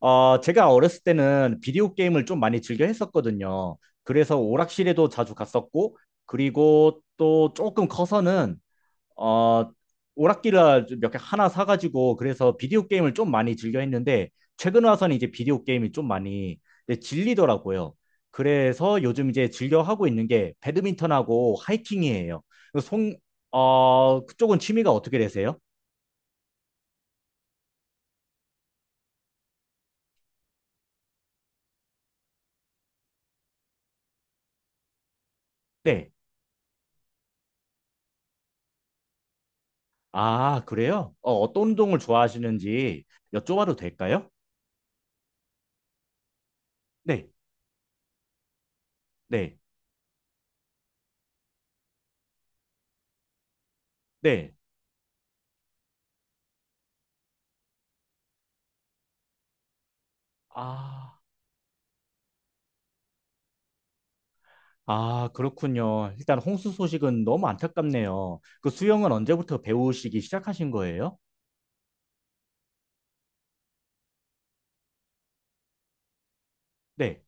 제가 어렸을 때는 비디오 게임을 좀 많이 즐겨 했었거든요. 그래서 오락실에도 자주 갔었고, 그리고 또 조금 커서는, 어, 오락기를 몇 개 하나 사가지고, 그래서 비디오 게임을 좀 많이 즐겨 했는데, 최근 와서는 이제 비디오 게임이 좀 많이 이제 질리더라고요. 그래서 요즘 이제 즐겨 하고 있는 게 배드민턴하고 하이킹이에요. 송, 그쪽은 취미가 어떻게 되세요? 네. 아, 그래요? 어떤 운동을 좋아하시는지 여쭤봐도 될까요? 네, 네, 네. 아, 아, 그렇군요. 일단 홍수 소식은 너무 안타깝네요. 그 수영은 언제부터 배우시기 시작하신 거예요? 네,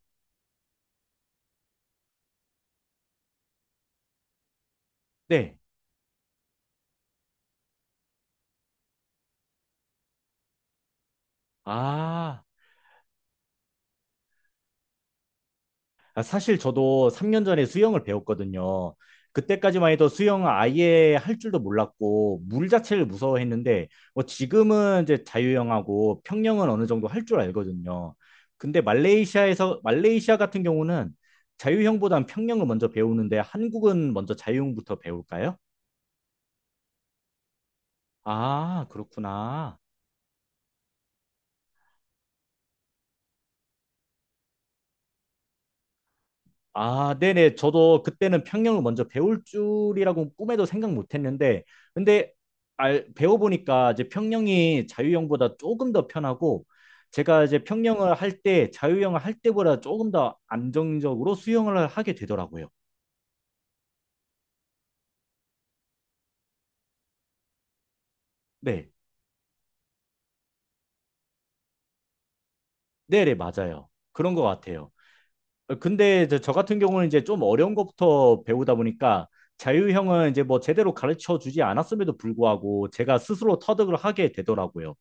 네. 아, 아, 사실 저도 3년 전에 수영을 배웠거든요. 그때까지만 해도 수영 아예 할 줄도 몰랐고 물 자체를 무서워했는데 뭐 지금은 이제 자유형하고 평영은 어느 정도 할 줄 알거든요. 근데 말레이시아에서 말레이시아 같은 경우는 자유형보단 평영을 먼저 배우는데 한국은 먼저 자유형부터 배울까요? 아, 그렇구나. 아, 네네. 저도 그때는 평영을 먼저 배울 줄이라고 꿈에도 생각 못 했는데, 근데 배워보니까 이제 평영이 자유형보다 조금 더 편하고, 제가 이제 평영을 할 때, 자유형을 할 때보다 조금 더 안정적으로 수영을 하게 되더라고요. 네. 네네, 맞아요. 그런 것 같아요. 근데 이제 저 같은 경우는 이제 좀 어려운 것부터 배우다 보니까, 자유형은 이제 뭐 제대로 가르쳐 주지 않았음에도 불구하고, 제가 스스로 터득을 하게 되더라고요.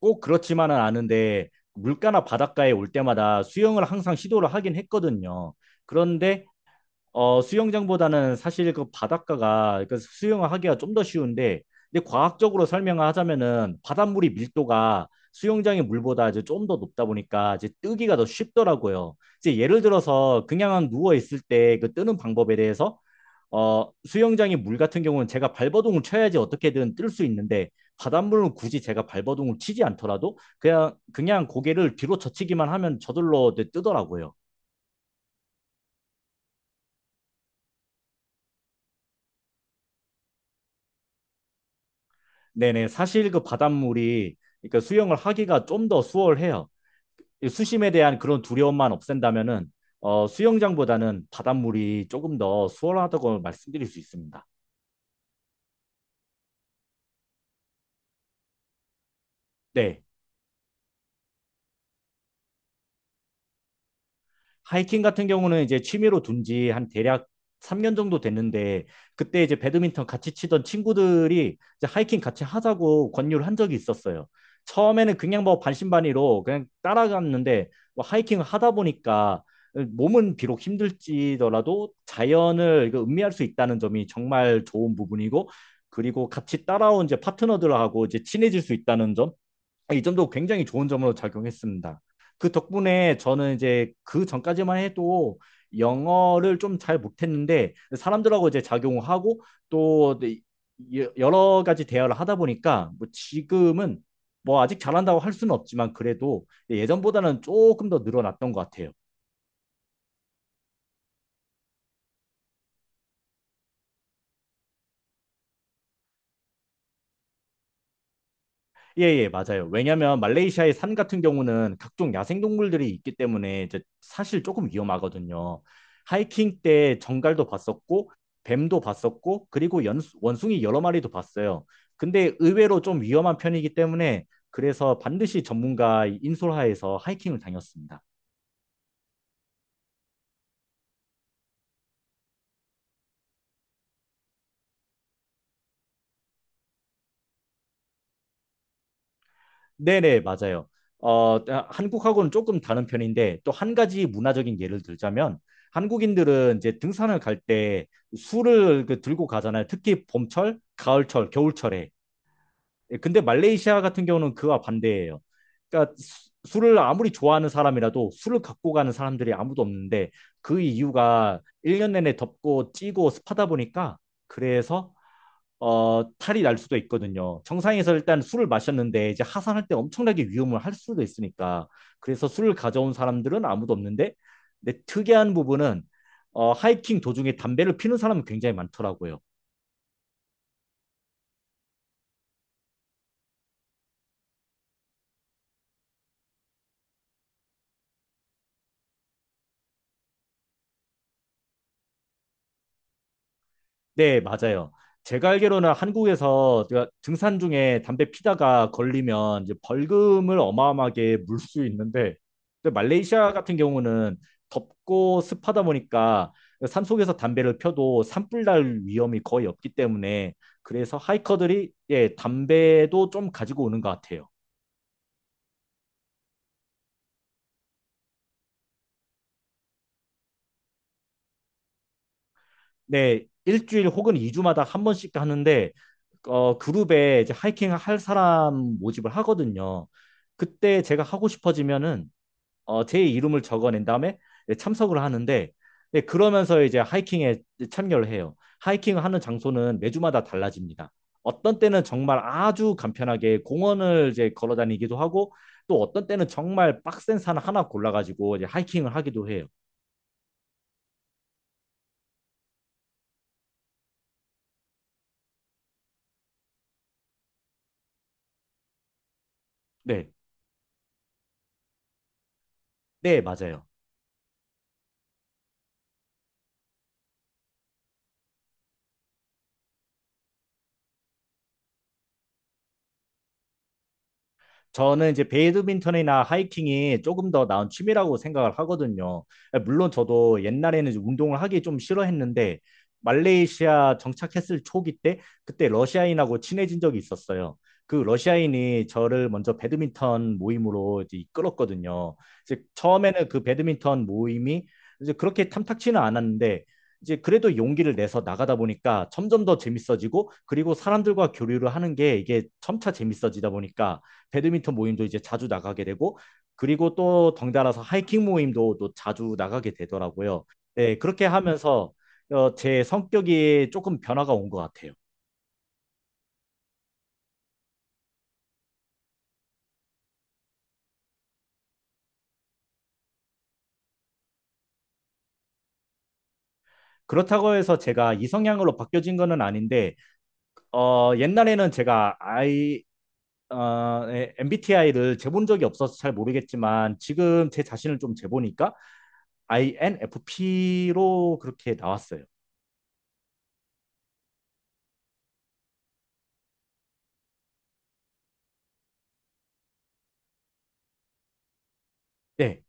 꼭 그렇지만은 않은데 물가나 바닷가에 올 때마다 수영을 항상 시도를 하긴 했거든요. 그런데 수영장보다는 사실 그 바닷가가 그 수영을 하기가 좀 더 쉬운데 근데 과학적으로 설명을 하자면은 바닷물이 밀도가 수영장의 물보다 이제 좀 더 높다 보니까 이제 뜨기가 더 쉽더라고요. 이제 예를 들어서 그냥 누워 있을 때 그 뜨는 방법에 대해서 수영장의 물 같은 경우는 제가 발버둥을 쳐야지 어떻게든 뜰 수 있는데 바닷물은 굳이 제가 발버둥을 치지 않더라도 그냥 고개를 뒤로 젖히기만 하면 저절로, 네, 뜨더라고요. 네네, 사실 그 바닷물이 그러니까 수영을 하기가 좀 더 수월해요. 이 수심에 대한 그런 두려움만 없앤다면은 수영장보다는 바닷물이 조금 더 수월하다고 말씀드릴 수 있습니다. 네. 하이킹 같은 경우는 이제 취미로 둔지 한 대략 3년 정도 됐는데 그때 이제 배드민턴 같이 치던 친구들이 이제 하이킹 같이 하자고 권유를 한 적이 있었어요. 처음에는 그냥 뭐 반신반의로 그냥 따라갔는데 뭐 하이킹을 하다 보니까 몸은 비록 힘들지더라도 자연을 이거 음미할 수 있다는 점이 정말 좋은 부분이고 그리고 같이 따라온 이제 파트너들하고 이제 친해질 수 있다는 점, 아, 이 점도 굉장히 좋은 점으로 작용했습니다. 그 덕분에 저는 이제 그 전까지만 해도 영어를 좀 잘 못했는데 사람들하고 이제 작용하고 또 여- 러 가지 대화를 하다 보니까 뭐 지금은 뭐 아직 잘한다고 할 수는 없지만 그래도 예, 예전보다는 조금 더 늘어났던 것 같아요. 예, 예, 맞아요. 왜냐면 말레이시아의 산 같은 경우는 각종 야생동물들이 있기 때문에 이제 사실 조금 위험하거든요. 하이킹 때 정갈도 봤었고, 뱀도 봤었고, 그리고 원숭이 여러 마리도 봤어요. 근데 의외로 좀 위험한 편이기 때문에 그래서 반드시 전문가 인솔하에서 하이킹을 다녔습니다. 네네, 맞아요. 아, 한국하고는 조금 다른 편인데 또 한 가지 문화적인 예를 들자면 한국인들은 이제 등산을 갈 때 술을 그 들고 가잖아요. 특히 봄철, 가을철, 겨울철에. 예, 근데 말레이시아 같은 경우는 그와 반대예요. 그러니까 술을 아무리 좋아하는 사람이라도 술을 갖고 가는 사람들이 아무도 없는데 그 이유가 1년 내내 덥고 찌고 습하다 보니까 그래서 탈이 날 수도 있거든요. 정상에서 일단 술을 마셨는데 이제 하산할 때 엄청나게 위험을 할 수도 있으니까. 그래서 술을 가져온 사람들은 아무도 없는데, 근데 특이한 부분은 하이킹 도중에 담배를 피는 사람이 굉장히 많더라고요. 네, 맞아요. 제가 알기로는 한국에서 제가 등산 중에 담배 피다가 걸리면 이제 벌금을 어마어마하게 물 수 있는데 근데 말레이시아 같은 경우는 덥고 습하다 보니까 산속에서 담배를 펴도 산불 날 위험이 거의 없기 때문에 그래서 하이커들이 예, 담배도 좀 가지고 오는 것 같아요. 네, 일주일 혹은 이주마다한 번씩 하는데 그룹에 이제 하이킹 할 사람 모집을 하거든요. 그때 제가 하고 싶어지면은 제 이름을 적어낸 다음에 이제 참석을 하는데, 네, 그러면서 이제 하이킹에 참여를 해요. 하이킹을 하는 장소는 매주마다 달라집니다. 어떤 때는 정말 아주 간편하게 공원을 이제 걸어 다니기도 하고 또 어떤 때는 정말 빡센 산 하나 골라가지고 이제 하이킹을 하기도 해요. 네, 네, 맞아요. 저는 이제 배드민턴이나 하이킹이 조금 더 나은 취미라고 생각을 하거든요. 물론 저도 옛날에는 이제 운동을 하기 좀 싫어했는데 말레이시아 정착했을 초기 때 그때 러시아인하고 친해진 적이 있었어요. 그 러시아인이 저를 먼저 배드민턴 모임으로 이제 이끌었거든요. 이제 처음에는 그 배드민턴 모임이 이제 그렇게 탐탁치는 않았는데 이제 그래도 용기를 내서 나가다 보니까 점점 더 재밌어지고 그리고 사람들과 교류를 하는 게 이게 점차 재밌어지다 보니까 배드민턴 모임도 이제 자주 나가게 되고 그리고 또 덩달아서 하이킹 모임도 또 자주 나가게 되더라고요. 네, 그렇게 하면서 제 성격이 조금 변화가 온 것 같아요. 그렇다고 해서 제가 이성향으로 바뀌어진 거는 아닌데 옛날에는 제가 아이, 어, MBTI를 재본 적이 없어서 잘 모르겠지만 지금 제 자신을 좀 재보니까 INFP로 그렇게 나왔어요. 네,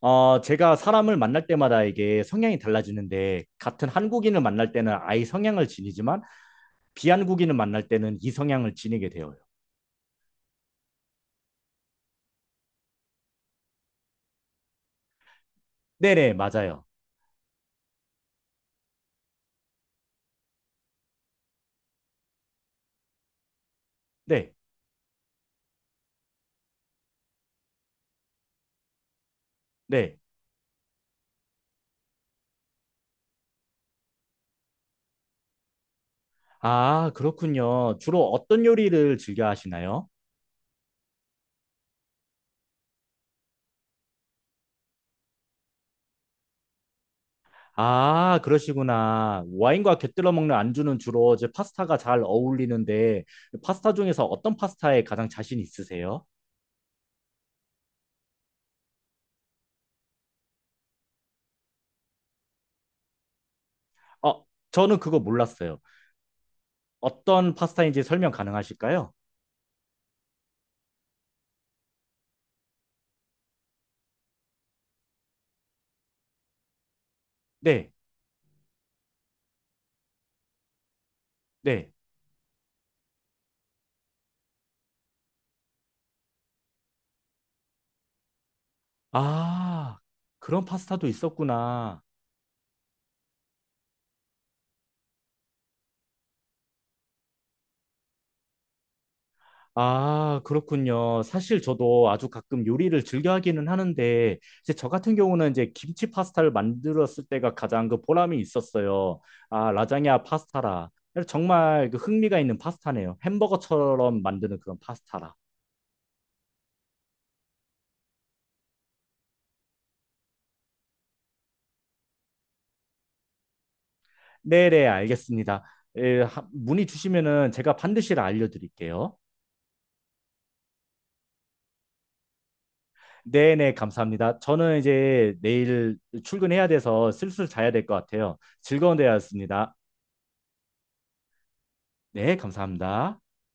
제가 사람을 만날 때마다 이게 성향이 달라지는데, 같은 한국인을 만날 때는 아이 성향을 지니지만, 비한국인을 만날 때는 이 성향을 지니게 되어요. 네네, 맞아요. 네, 네. 아, 그렇군요. 주로 어떤 요리를 즐겨 하시나요? 아, 그러시구나. 와인과 곁들여 먹는 안주는 주로 이제 파스타가 잘 어울리는데, 파스타 중에서 어떤 파스타에 가장 자신 있으세요? 어, 저는 그거 몰랐어요. 어떤 파스타인지 설명 가능하실까요? 네, 네. 아, 그런 파스타도 있었구나. 아, 그렇군요. 사실 저도 아주 가끔 요리를 즐겨 하기는 하는데, 이제 저 같은 경우는 이제 김치 파스타를 만들었을 때가 가장 그 보람이 있었어요. 아, 라자냐 파스타라. 정말 그 흥미가 있는 파스타네요. 햄버거처럼 만드는 그런 파스타라. 네네, 알겠습니다. 예, 문의 주시면은 제가 반드시 알려드릴게요. 네네, 감사합니다. 저는 이제 내일 출근해야 돼서 슬슬 자야 될 것 같아요. 즐거운 대화였습니다. 네, 감사합니다.